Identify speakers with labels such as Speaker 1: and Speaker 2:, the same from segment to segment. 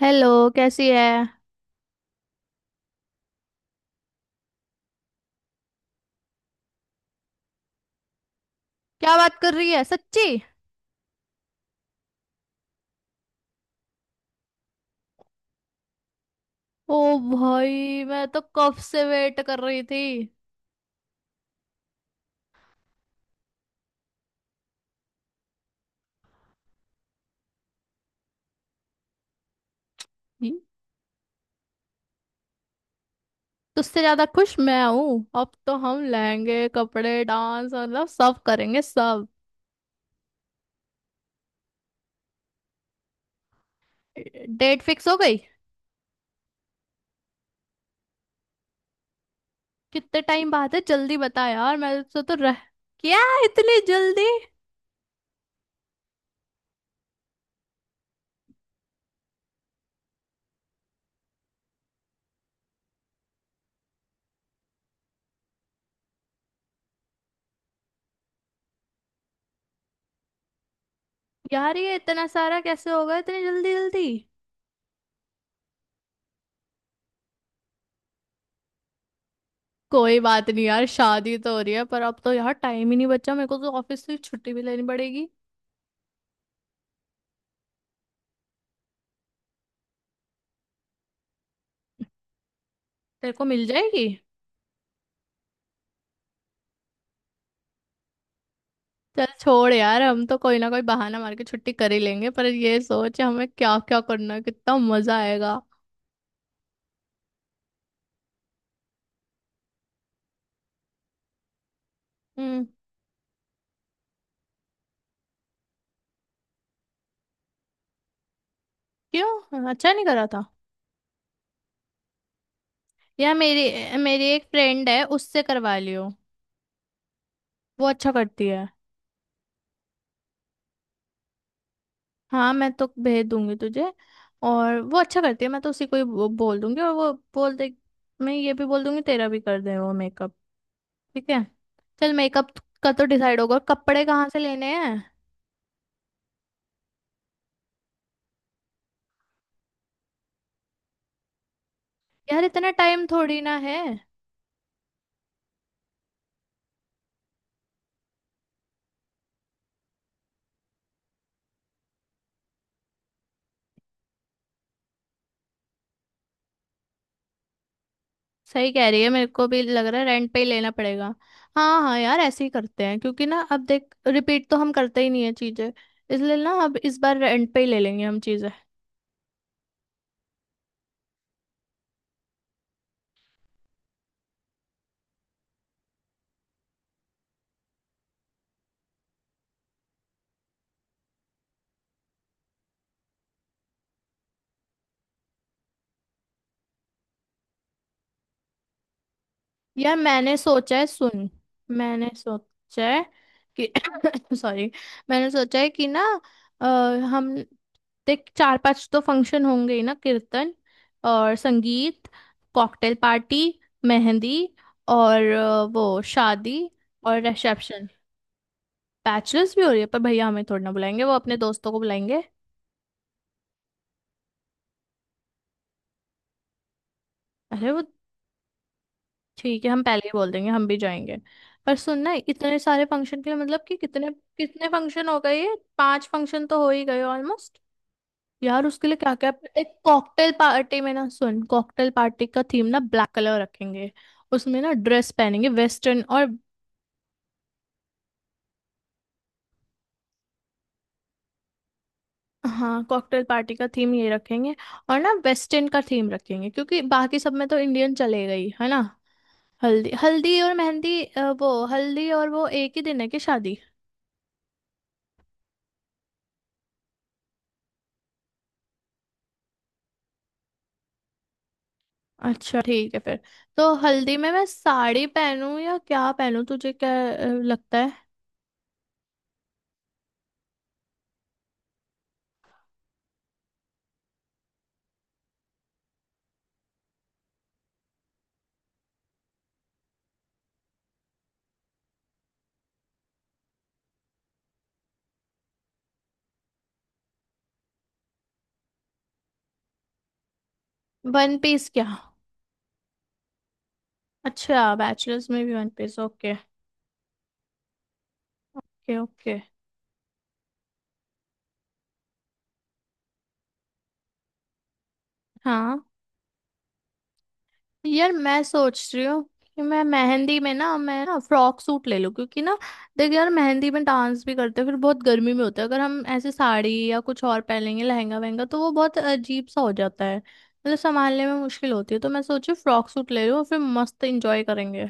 Speaker 1: Hello. कैसी है? क्या बात कर रही है, सच्ची? ओ भाई, मैं तो कब से वेट कर रही थी। हम्म। तुझसे ज्यादा खुश मैं हूँ, अब तो हम लहंगे कपड़े डांस मतलब सब करेंगे सब। डेट फिक्स हो गई? कितने टाइम बाद है, जल्दी बता यार, मैं तो रह। क्या? इतनी जल्दी? यार ये इतना सारा कैसे हो गया, इतनी जल्दी जल्दी। कोई बात नहीं यार, शादी तो हो रही है, पर अब तो यार टाइम ही नहीं बचा, मेरे को तो ऑफिस से छुट्टी भी लेनी पड़ेगी। तेरे को मिल जाएगी? चल छोड़ यार, हम तो कोई ना कोई बहाना मार के छुट्टी कर ही लेंगे, पर ये सोच हमें क्या क्या करना है, कितना मजा आएगा। हम्म। क्यों, अच्छा नहीं करा था? यार मेरी मेरी एक फ्रेंड है, उससे करवा लियो। वो अच्छा करती है। हाँ मैं तो भेज दूंगी तुझे। और वो अच्छा करती है, मैं तो उसी को ही बोल दूंगी, और वो बोल दे। मैं ये भी बोल दूंगी तेरा भी कर दे वो मेकअप। ठीक है। चल, मेकअप का तो डिसाइड होगा, कपड़े कहाँ से लेने हैं? यार इतना टाइम थोड़ी ना है। सही कह रही है, मेरे को भी लग रहा है रेंट पे ही लेना पड़ेगा। हाँ हाँ यार ऐसे ही करते हैं, क्योंकि ना अब देख रिपीट तो हम करते ही नहीं है चीजें, इसलिए ना अब इस बार रेंट पे ही ले लेंगे हम चीजें। यार मैंने सोचा है, सुन। मैंने सोचा है कि सॉरी। मैंने सोचा है कि ना, अ, हम देख चार पांच तो फंक्शन होंगे ही ना, कीर्तन और संगीत, कॉकटेल पार्टी, मेहंदी, और वो शादी, और रिसेप्शन। बैचलर्स भी हो रही है, पर भैया हमें थोड़ी ना बुलाएंगे, वो अपने दोस्तों को बुलाएंगे। अरे वो। ठीक है, हम पहले ही बोल देंगे हम भी जाएंगे। पर सुनना, इतने सारे फंक्शन के लिए मतलब कि कितने कितने फंक्शन हो गए, ये पांच फंक्शन तो हो ही गए ऑलमोस्ट। यार उसके लिए क्या क्या। एक कॉकटेल पार्टी में ना, सुन, कॉकटेल पार्टी का थीम ना ब्लैक कलर रखेंगे, उसमें ना ड्रेस पहनेंगे वेस्टर्न। और हाँ, कॉकटेल पार्टी का थीम ये रखेंगे। और ना वेस्टर्न का थीम रखेंगे, क्योंकि बाकी सब में तो इंडियन चलेगा ही है ना। हल्दी, हल्दी और मेहंदी, वो हल्दी और वो एक ही दिन है कि शादी? अच्छा, ठीक है फिर। तो हल्दी में मैं साड़ी पहनूं या क्या पहनूं, तुझे क्या लगता है? One piece? क्या? अच्छा, बैचलर्स में भी one piece, okay. Okay okay. हाँ। यार मैं सोच रही हूँ कि मैं मेहंदी में ना, मैं ना फ्रॉक सूट ले लूँ, क्योंकि ना देख यार, मेहंदी में डांस भी करते हैं, फिर बहुत गर्मी में होता है, अगर हम ऐसे साड़ी या कुछ और पहनेंगे लहंगा वहंगा, तो वो बहुत अजीब सा हो जाता है, मतलब संभालने में मुश्किल होती है, तो मैं सोची फ्रॉक सूट ले लूँ और फिर मस्त इंजॉय करेंगे।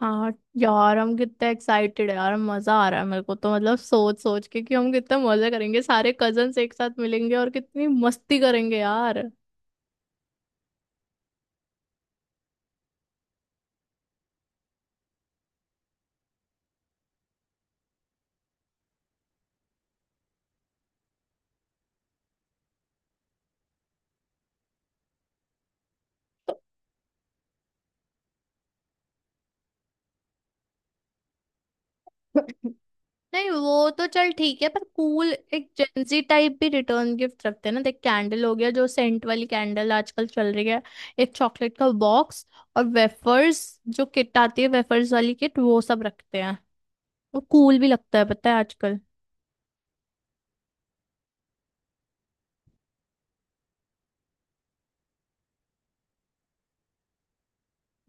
Speaker 1: हाँ। यार हम कितने एक्साइटेड है यार, मजा आ रहा है मेरे को तो, मतलब सोच सोच के कि हम कितना मजा करेंगे, सारे कजन्स एक साथ मिलेंगे और कितनी मस्ती करेंगे यार। नहीं, वो तो चल ठीक है, पर कूल एक जेंजी टाइप भी रिटर्न गिफ्ट रखते हैं ना, देख, कैंडल हो गया, जो सेंट वाली कैंडल आजकल चल रही है। एक चॉकलेट का बॉक्स और वेफर्स, जो किट आती है वेफर्स वाली किट, वो सब रखते हैं। वो कूल भी लगता है, पता है, आजकल।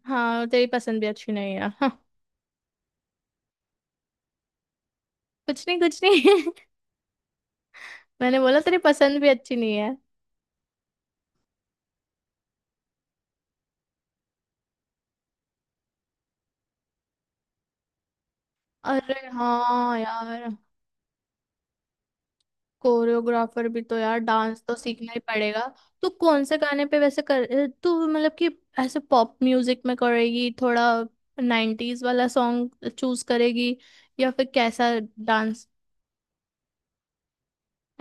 Speaker 1: हाँ, तेरी पसंद भी अच्छी नहीं है, हाँ। कुछ नहीं, कुछ नहीं। मैंने बोला तेरी पसंद भी अच्छी नहीं है। अरे हाँ यार, कोरियोग्राफर भी तो यार, डांस तो सीखना ही पड़ेगा। तू कौन से गाने पे वैसे कर, तू मतलब कि ऐसे पॉप म्यूजिक में करेगी थोड़ा, 90s वाला सॉन्ग चूज करेगी, या फिर कैसा डांस?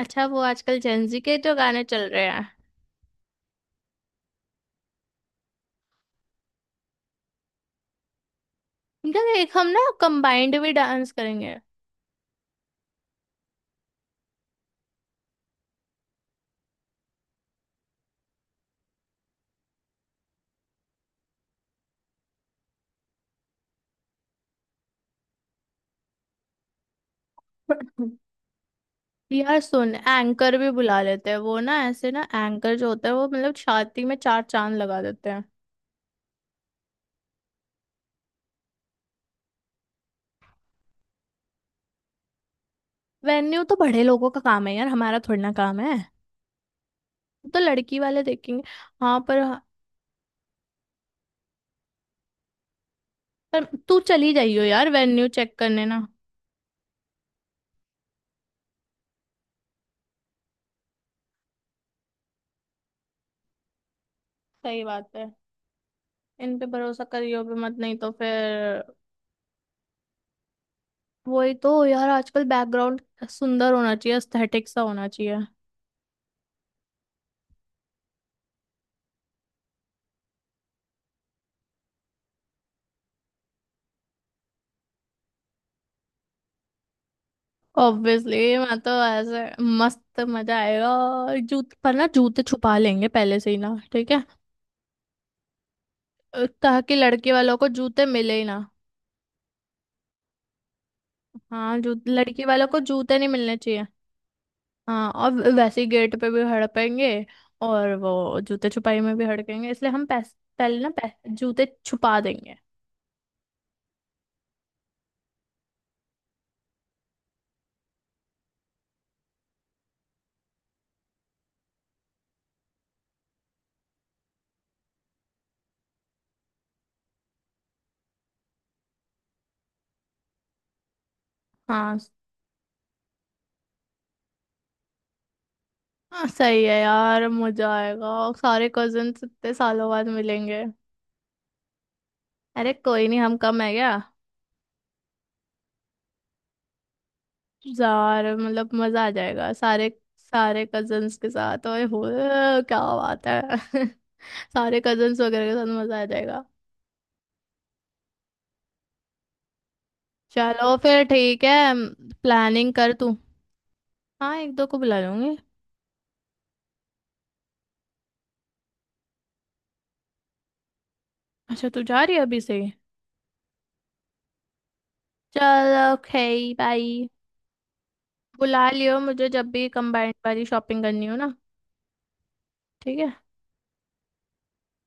Speaker 1: अच्छा, वो आजकल जेंजी के जो गाने चल रहे हैं, इनका एक हम ना कंबाइंड भी डांस करेंगे। यार सुन, एंकर भी बुला लेते हैं, वो ना ऐसे ना एंकर जो होता है वो, मतलब छाती में चार चांद लगा देते हैं। वेन्यू तो बड़े लोगों का काम है यार, हमारा थोड़ी ना काम है। तो लड़की वाले देखेंगे। हाँ पर। पर तू चली जाइयो यार, वेन्यू चेक करने ना। सही बात है, इन पे भरोसा करियो भी मत, नहीं तो फिर। वही तो यार, आजकल बैकग्राउंड सुंदर होना चाहिए, एस्थेटिक सा होना चाहिए। ऑब्वियसली मैं तो ऐसे मस्त मजा आएगा। और जूते पर ना, जूते छुपा लेंगे पहले से ही ना, ठीक है, ताकि लड़के वालों को जूते मिले ही ना। हाँ, जू लड़के वालों को जूते नहीं मिलने चाहिए। हाँ, और वैसे ही गेट पे भी हड़पेंगे, और वो जूते छुपाई में भी हड़केंगे, इसलिए हम पहले ना जूते छुपा देंगे। हाँ हाँ सही है यार, मजा आएगा और सारे कजिन्स इतने सालों बाद मिलेंगे। अरे कोई नहीं, हम कम है क्या। यार मतलब मजा आ जाएगा सारे। सारे कजिन्स के साथ, ओए होए, क्या बात है। सारे कजिन्स वगैरह के साथ मजा आ जाएगा। चलो फिर ठीक है। प्लानिंग कर तू। हाँ, एक दो को बुला लूंगी। अच्छा, तू जा रही है अभी से? चलो ओके, बाय। बुला लियो मुझे जब भी कंबाइंड वाली शॉपिंग करनी हो ना। ठीक है।